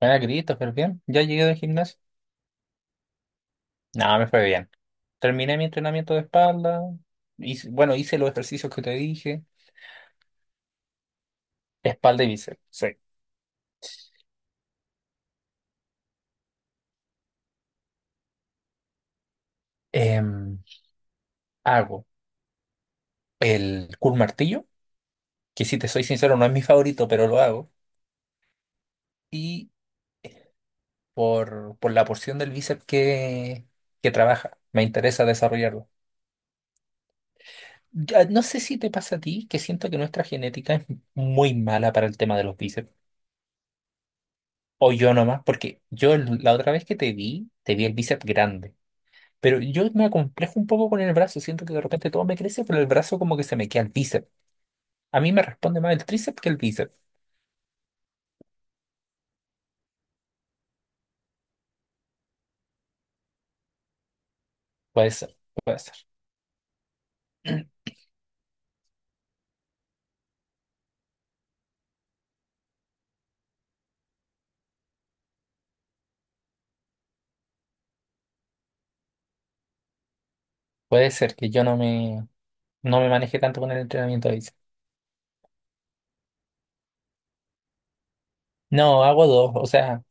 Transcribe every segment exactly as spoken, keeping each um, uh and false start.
Buena, Christopher, bien. Ya llegué del gimnasio. No, me fue bien. Terminé mi entrenamiento de espalda. Hice- bueno, hice los ejercicios que te dije. Espalda y bíceps. Sí. Em, hago el curl martillo, que si te soy sincero, no es mi favorito, pero lo hago. Y por, por la porción del bíceps que, que trabaja, me interesa desarrollarlo. Ya, no sé si te pasa a ti, que siento que nuestra genética es muy mala para el tema de los bíceps. O yo nomás, porque yo el- la otra vez que te vi, te vi el bíceps grande. Pero yo me acomplejo un poco con el brazo, siento que de repente todo me crece, pero el brazo como que se me queda el bíceps. A mí me responde más el tríceps que el bíceps. Puede ser, puede ser. Puede ser que yo no me, no me maneje tanto con el entrenamiento de bíceps. No, hago dos, o sea,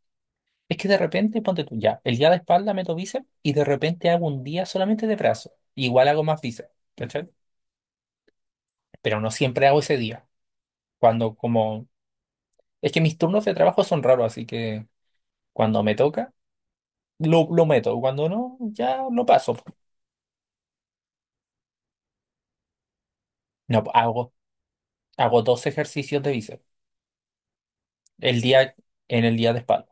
es que de repente ponte tú ya, el día de espalda meto bíceps y de repente hago un día solamente de brazo. Igual hago más bíceps, ¿cachai? Pero no siempre hago ese día. Cuando como, es que mis turnos de trabajo son raros, así que cuando me toca, lo, lo meto. Cuando no, ya lo paso. No, hago Hago dos ejercicios de bíceps el día, en el día de espalda.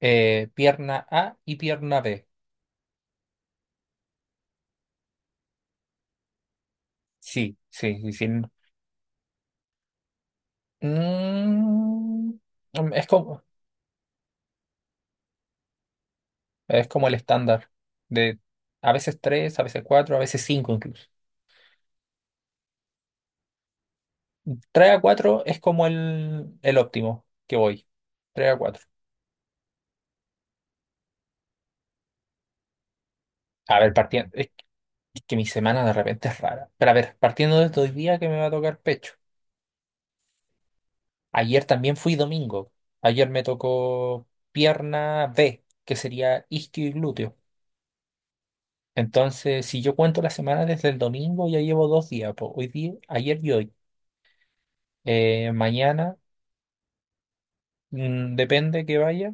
Eh, pierna A y pierna B. Sí, sí, sí, sí. Mm, es como, es como el estándar de a veces tres, a veces cuatro, a veces cinco incluso. Tres a cuatro es como el, el óptimo que voy. Tres a cuatro. A ver, partiendo. Es que, es que mi semana de repente es rara. Pero a ver, partiendo de hoy día que me va a tocar pecho. Ayer también fui domingo. Ayer me tocó pierna B, que sería isquio y glúteo. Entonces, si yo cuento la semana desde el domingo, ya llevo dos días, po. Hoy día, ayer y hoy. Eh, mañana, mm, depende que vaya,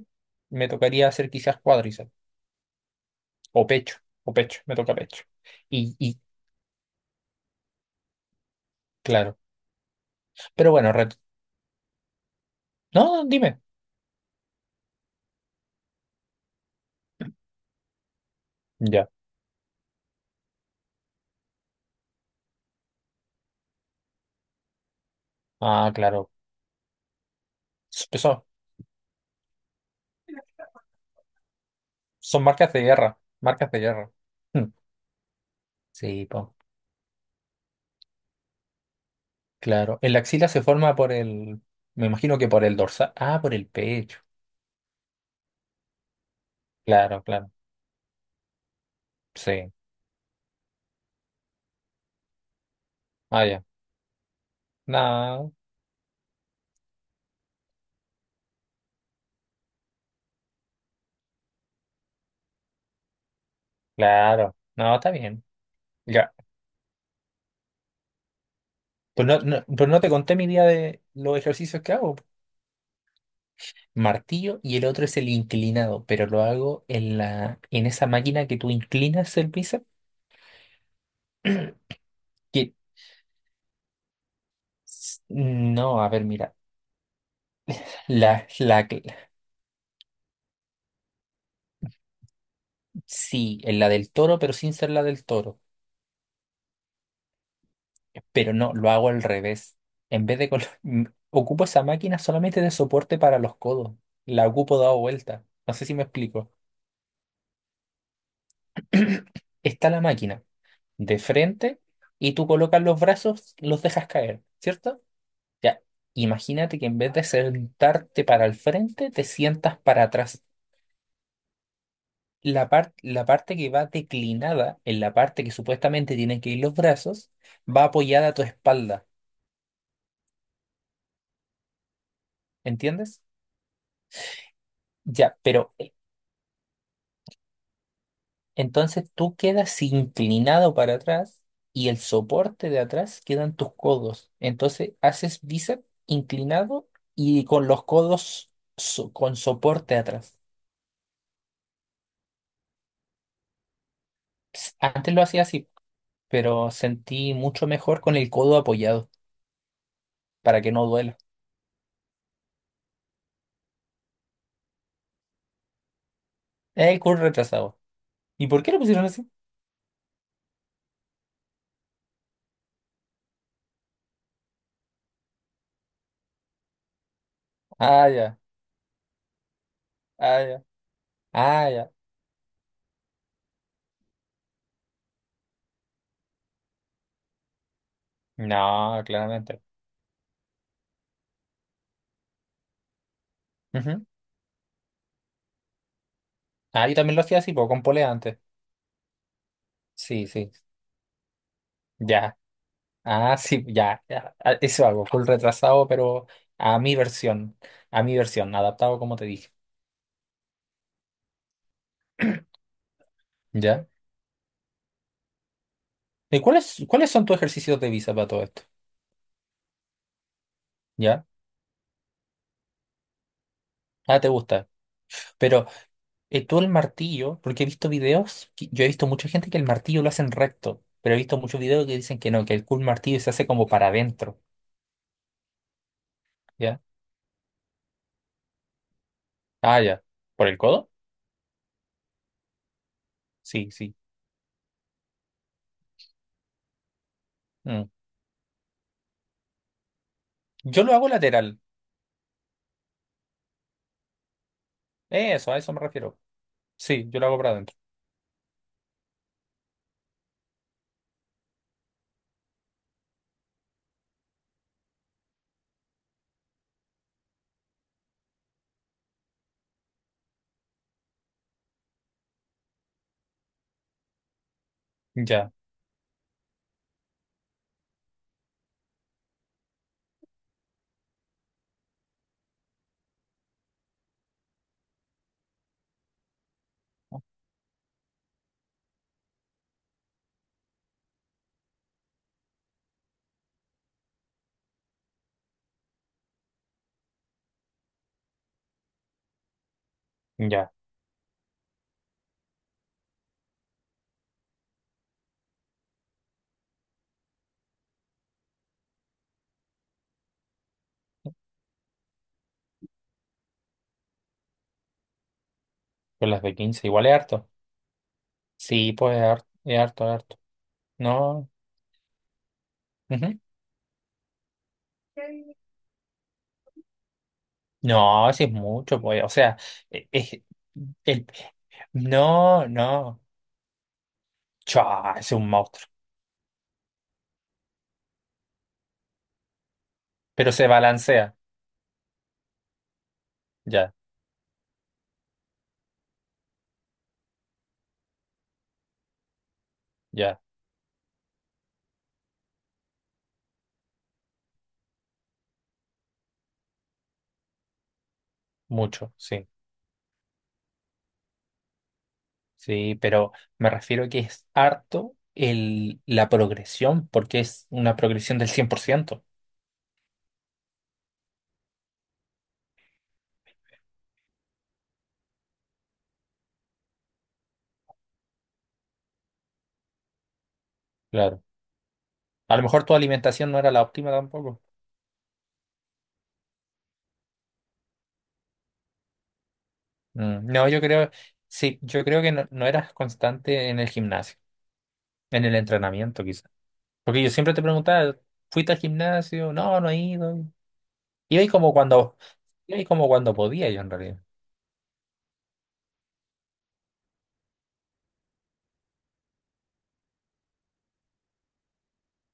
me tocaría hacer quizás cuádriceps o pecho, o pecho, me toca pecho. Y, y claro. Pero bueno, ret- no, dime. Ya. Ah, claro. Son, son marcas de guerra, marcas de guerra. Sí, pues. Claro, el axila se forma por el, me imagino que por el dorsal, ah, por el pecho, claro, claro, sí, ah, ya, no, claro, no, está bien, ya, pues no, no, pero no te conté mi día de los ejercicios que hago, martillo y el otro es el inclinado, pero lo hago en la, en esa máquina que tú inclinas el bíceps, que, s- no, a ver, mira, la, la, sí, en la del toro, pero sin ser la del toro. Pero no, lo hago al revés. En vez de... colo- m- Ocupo esa máquina solamente de soporte para los codos. La ocupo dado vuelta. No sé si me explico. Está la máquina de frente y tú colocas los brazos, los dejas caer, ¿cierto? Ya, imagínate que en vez de sentarte para el frente, te sientas para atrás. La par- la parte que va declinada, en la parte que supuestamente tienen que ir los brazos, va apoyada a tu espalda, ¿entiendes? Ya, pero entonces tú quedas inclinado para atrás y el soporte de atrás quedan tus codos. Entonces haces bíceps inclinado y con los codos so- con soporte atrás. Ps, Antes lo hacía así, pero sentí mucho mejor con el codo apoyado para que no duela. Es el curl retrasado. ¿Y por qué lo pusieron así? Ah, ya, ah, ya, ah, ya. No, claramente. Ujú. Ah, yo también lo hacía así, po, con polea antes. Sí, sí. Ya. Ah, sí, ya, ya, ah, eso hago, full retrasado, pero a mi versión, a mi versión, adaptado como te dije, ¿ya? ¿Y cuáles, cuáles son tus ejercicios de visa para todo esto? ¿Ya? Ah, te gusta. Pero eh, tú el martillo, porque he visto videos, que- yo he visto mucha gente que el martillo lo hacen recto, pero he visto muchos videos que dicen que no, que el cool martillo se hace como para adentro, ¿ya? Ah, ya. ¿Por el codo? Sí, sí. Mm. Yo lo hago lateral, eso, a eso me refiero. Sí, yo lo hago para adentro. Ya, ya. Con las de quince igual es harto. Sí, pues es harto, es harto, harto. No, ujú. No, sí es mucho, pues. O sea, e- es, el, no, no. Chua, es un monstruo. Pero se balancea. Ya, ya. Mucho, sí. Sí, pero me refiero a que es harto el, la progresión, porque es una progresión del cien por ciento. Claro. A lo mejor tu alimentación no era la óptima tampoco. Mm, No, yo creo, sí, yo creo que no, no eras constante en el gimnasio, en el entrenamiento, porque yo siempre te preguntaba, ¿fuiste al gimnasio? No, no he ido. Iba y como cuando, iba y como cuando podía yo en realidad.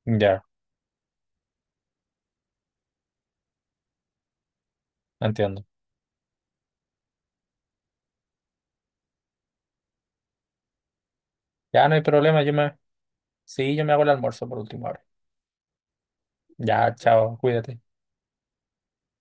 Ya, entiendo. Ya no hay problema, yo me, sí, yo me hago el almuerzo por última hora. Ya, chao, cuídate.